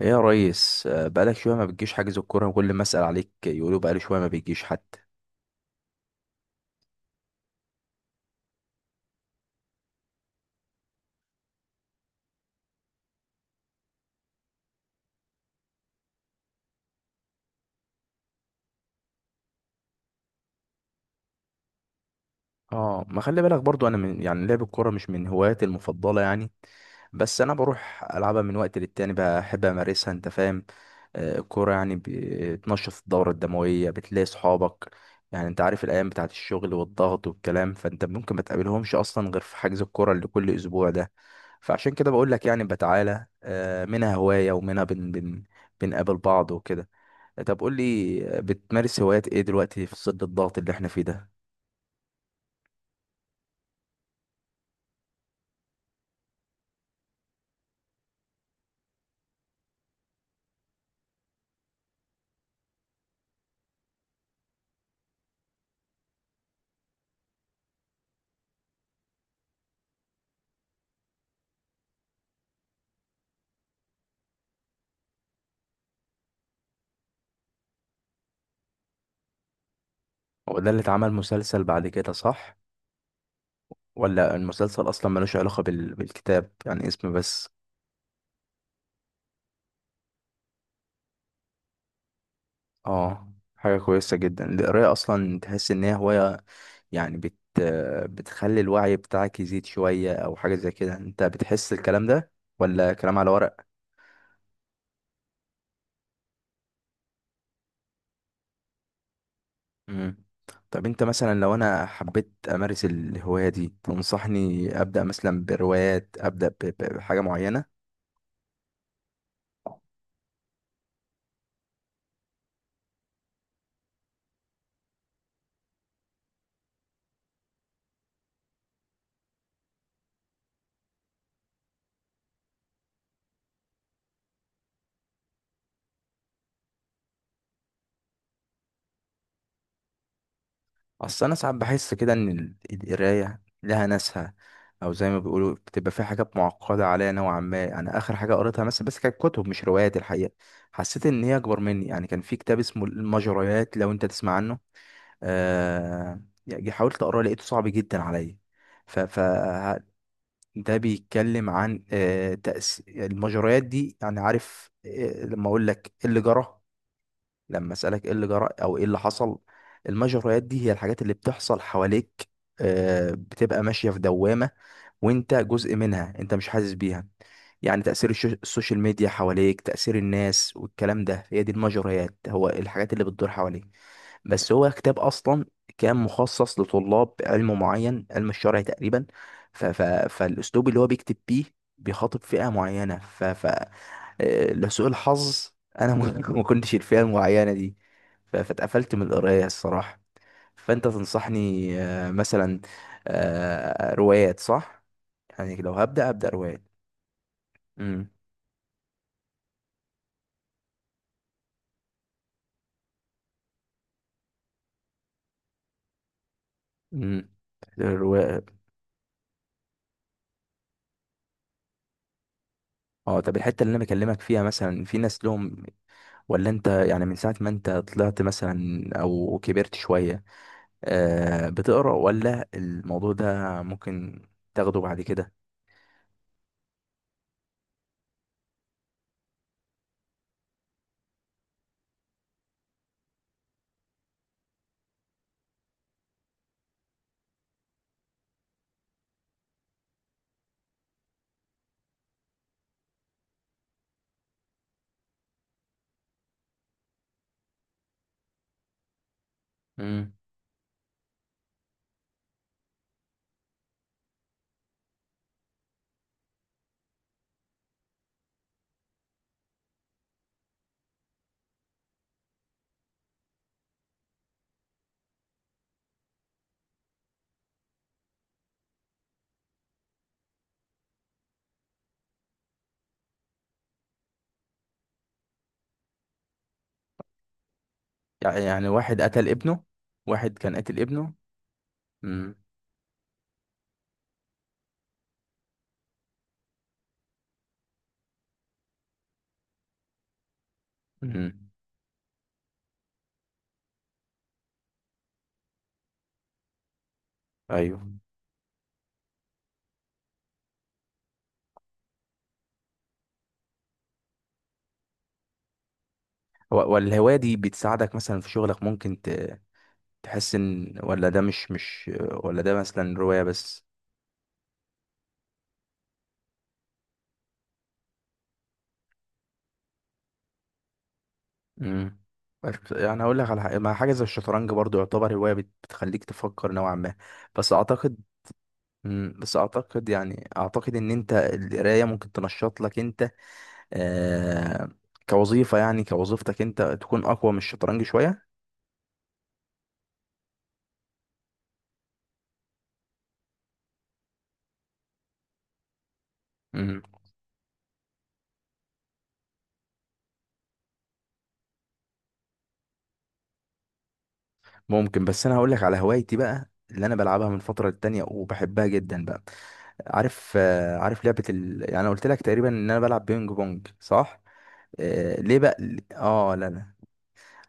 ايه يا ريس، بقالك شويه ما بتجيش حاجز الكوره. كل ما اسال عليك يقولوا بقالي شويه ما بتجيش حتى. اه، ما خلي بالك برضو انا من يعني لعب الكوره مش من هواياتي المفضله يعني. بس انا بروح العبها من وقت للتاني، بحب امارسها انت فاهم. الكوره يعني بتنشط الدوره الدمويه، بتلاقي صحابك. يعني انت عارف الايام بتاعت الشغل والضغط والكلام، فانت ممكن ما تقابلهمش اصلا غير في حجز الكوره اللي كل اسبوع ده. فعشان كده بقول لك يعني بتعالى منها هوايه ومنها بن بن بنقابل بعض وكده. طب قول لي بتمارس هوايات ايه دلوقتي في ظل الضغط اللي احنا فيه ده؟ هو ده اللي اتعمل مسلسل بعد كده، صح؟ ولا المسلسل اصلا ملوش علاقة بالكتاب، يعني اسم بس. اه، حاجة كويسة جدا القراية، اصلا تحس ان هي هواية. يعني بتخلي الوعي بتاعك يزيد شوية او حاجة زي كده، انت بتحس الكلام ده ولا كلام على ورق؟ مم. طب انت مثلا لو انا حبيت امارس الهواية دي تنصحني ابدأ مثلا بروايات، ابدأ بحاجة معينة؟ اصل انا ساعات بحس كده ان القرايه لها ناسها، او زي ما بيقولوا بتبقى في حاجات معقده عليا نوعا ما. انا اخر حاجه قريتها مثلا بس كانت كتب مش روايات الحقيقه، حسيت ان هي اكبر مني. يعني كان في كتاب اسمه المجريات، لو انت تسمع عنه. آه. يعني حاولت اقراه لقيته صعب جدا عليا. ف ف ده بيتكلم عن المجريات دي. يعني عارف، لما اقول لك إيه اللي جرى، لما اسالك ايه اللي جرى او ايه اللي حصل. المجريات دي هي الحاجات اللي بتحصل حواليك، بتبقى ماشيه في دوامه وانت جزء منها، انت مش حاسس بيها. يعني تاثير السوشيال ميديا حواليك، تاثير الناس والكلام ده، هي دي المجريات، هو الحاجات اللي بتدور حواليك. بس هو كتاب اصلا كان مخصص لطلاب علم معين، علم الشرع تقريبا. ف ف فالاسلوب اللي هو بيكتب بيه بيخاطب فئه معينه. لسوء الحظ انا ما ما كنتش الفئه المعينه دي. فاتقفلت من القرايه الصراحه. فانت تنصحني مثلا روايات، صح؟ يعني لو ابدا روايات. امم. امم. الرواية. اه، طب الحته اللي انا بكلمك فيها مثلا في ناس لهم، ولا انت يعني من ساعه ما انت طلعت مثلا او كبرت شويه بتقرا؟ ولا الموضوع ده ممكن تاخده بعد كده؟ امم. يعني واحد قتل ابنه، واحد كان قاتل ابنه. امم. امم. ايوه. والهوايه دي بتساعدك مثلا في شغلك، ممكن تحس ان، ولا ده مش؟ ولا ده مثلا روايه بس؟ امم. يعني اقول لك على حاجه، مع حاجه زي الشطرنج برضو يعتبر هوايه، بتخليك تفكر نوعا ما. بس اعتقد. مم. بس اعتقد، يعني اعتقد ان انت القرايه ممكن تنشط لك انت آه كوظيفه، يعني كوظيفتك انت تكون اقوى من الشطرنج شويه. ممكن، بس انا هقول لك على هوايتي بقى اللي انا بلعبها من فتره للتانيه وبحبها جدا بقى. عارف عارف لعبه يعني انا قلت لك تقريبا ان انا بلعب بينج بونج، صح؟ آه، ليه بقى؟ اه، لا لا.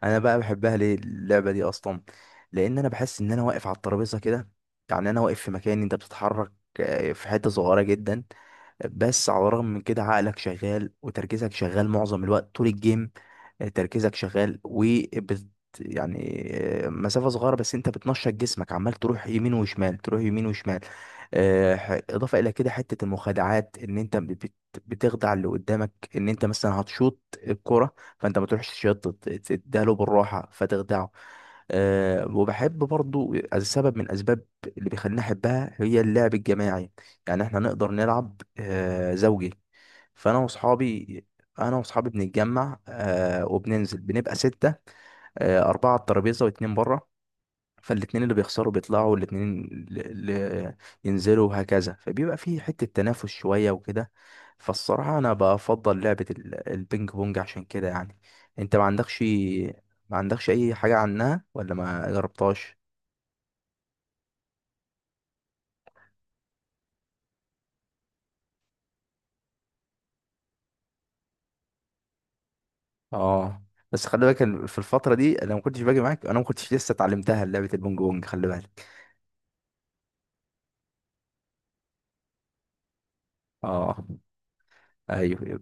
انا بقى بحبها ليه اللعبه دي اصلا؟ لان انا بحس ان انا واقف على الترابيزه كده، يعني انا واقف في مكان انت بتتحرك في حته صغيره جدا. بس على الرغم من كده عقلك شغال وتركيزك شغال معظم الوقت طول الجيم. تركيزك شغال يعني مسافة صغيرة بس انت بتنشط جسمك، عمال تروح يمين وشمال تروح يمين وشمال. اضافة الى كده حتة المخادعات ان انت بتخدع اللي قدامك ان انت مثلا هتشوط الكرة، فانت ما تروحش تشوط، تديها له بالراحة فتخدعه. وبحب برضو سبب من اسباب اللي بيخليني احبها هي اللعب الجماعي. يعني احنا نقدر نلعب زوجي. فانا واصحابي، انا واصحابي بنتجمع وبننزل بنبقى ستة، اربعة على الترابيزة واتنين بره، فالاتنين اللي بيخسروا بيطلعوا والاتنين اللي ينزلوا وهكذا، فبيبقى في حتة تنافس شوية وكده. فالصراحة انا بفضل لعبة البينج بونج عشان كده يعني. انت ما عندكش اي حاجة عنها ولا ما جربتهاش؟ اه، بس خلي بالك في الفترة دي انا ما كنتش باجي معاك، انا ما كنتش لسه اتعلمتها لعبة البونج بونج، خلي بالك. اه. ايوه.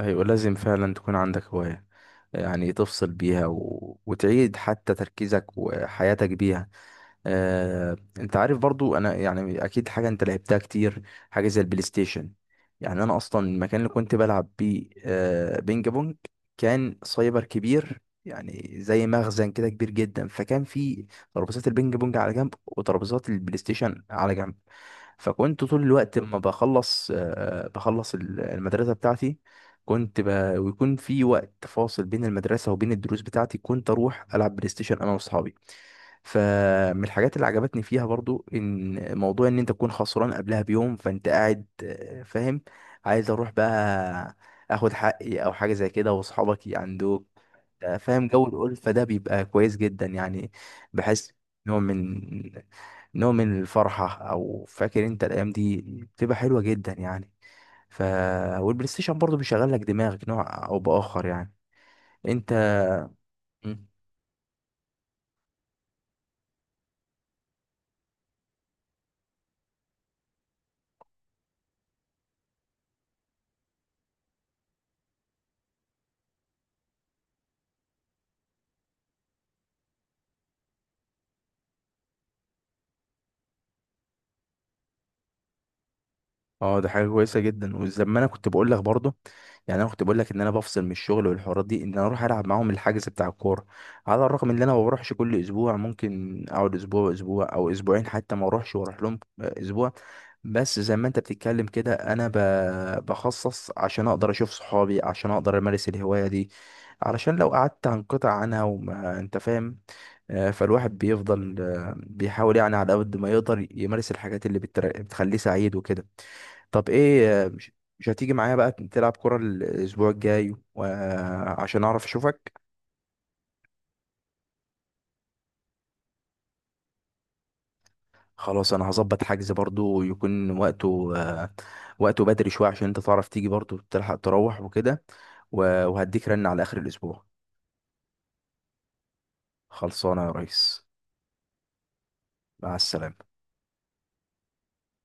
أيوة، لازم فعلا تكون عندك هواية. يعني تفصل بيها وتعيد حتى تركيزك وحياتك بيها. انت عارف برضو انا يعني اكيد حاجه انت لعبتها كتير، حاجه زي البلاي ستيشن. يعني انا اصلا المكان اللي كنت بلعب بيه بينج بونج كان سايبر كبير، يعني زي مخزن كده كبير جدا، فكان في ترابيزات البينج بونج على جنب وترابيزات البلاي ستيشن على جنب. فكنت طول الوقت لما بخلص المدرسه بتاعتي، كنت ب... ويكون في وقت فاصل بين المدرسه وبين الدروس بتاعتي كنت اروح العب بلاي ستيشن انا واصحابي. فمن الحاجات اللي عجبتني فيها برضو ان موضوع ان انت تكون خسران قبلها بيوم، فانت قاعد فاهم عايز اروح بقى اخد حقي او حاجه زي كده، واصحابك يعندوك. فاهم جو الألفة ده بيبقى كويس جدا يعني. بحس نوع من نوع من الفرحه او فاكر انت، الايام دي بتبقى حلوه جدا يعني. ف والبلاي ستيشن برضو بيشغل لك دماغك نوع او باخر يعني. انت. اه، ده حاجه كويسه جدا، وزي ما انا كنت بقول لك برضه، يعني انا كنت بقول لك ان انا بفصل من الشغل والحوارات دي ان انا اروح العب معاهم الحجز بتاع الكوره. على الرغم ان انا ما بروحش كل اسبوع، ممكن اقعد اسبوع اسبوع او اسبوعين حتى ما اروحش واروح لهم اسبوع. بس زي ما انت بتتكلم كده، انا بخصص عشان اقدر اشوف صحابي، عشان اقدر امارس الهوايه دي، علشان لو قعدت هنقطع عنها، وما انت فاهم. فالواحد بيفضل بيحاول يعني على قد ما يقدر يمارس الحاجات اللي بتخليه سعيد وكده. طب ايه مش هتيجي معايا بقى تلعب كرة الاسبوع الجاي، وعشان اعرف اشوفك. خلاص، انا هظبط حجز برضو يكون وقته بدري شوية عشان انت تعرف تيجي برضو تلحق تروح وكده. وهديك رن على اخر الاسبوع. خلصانة يا ريس. مع السلامة.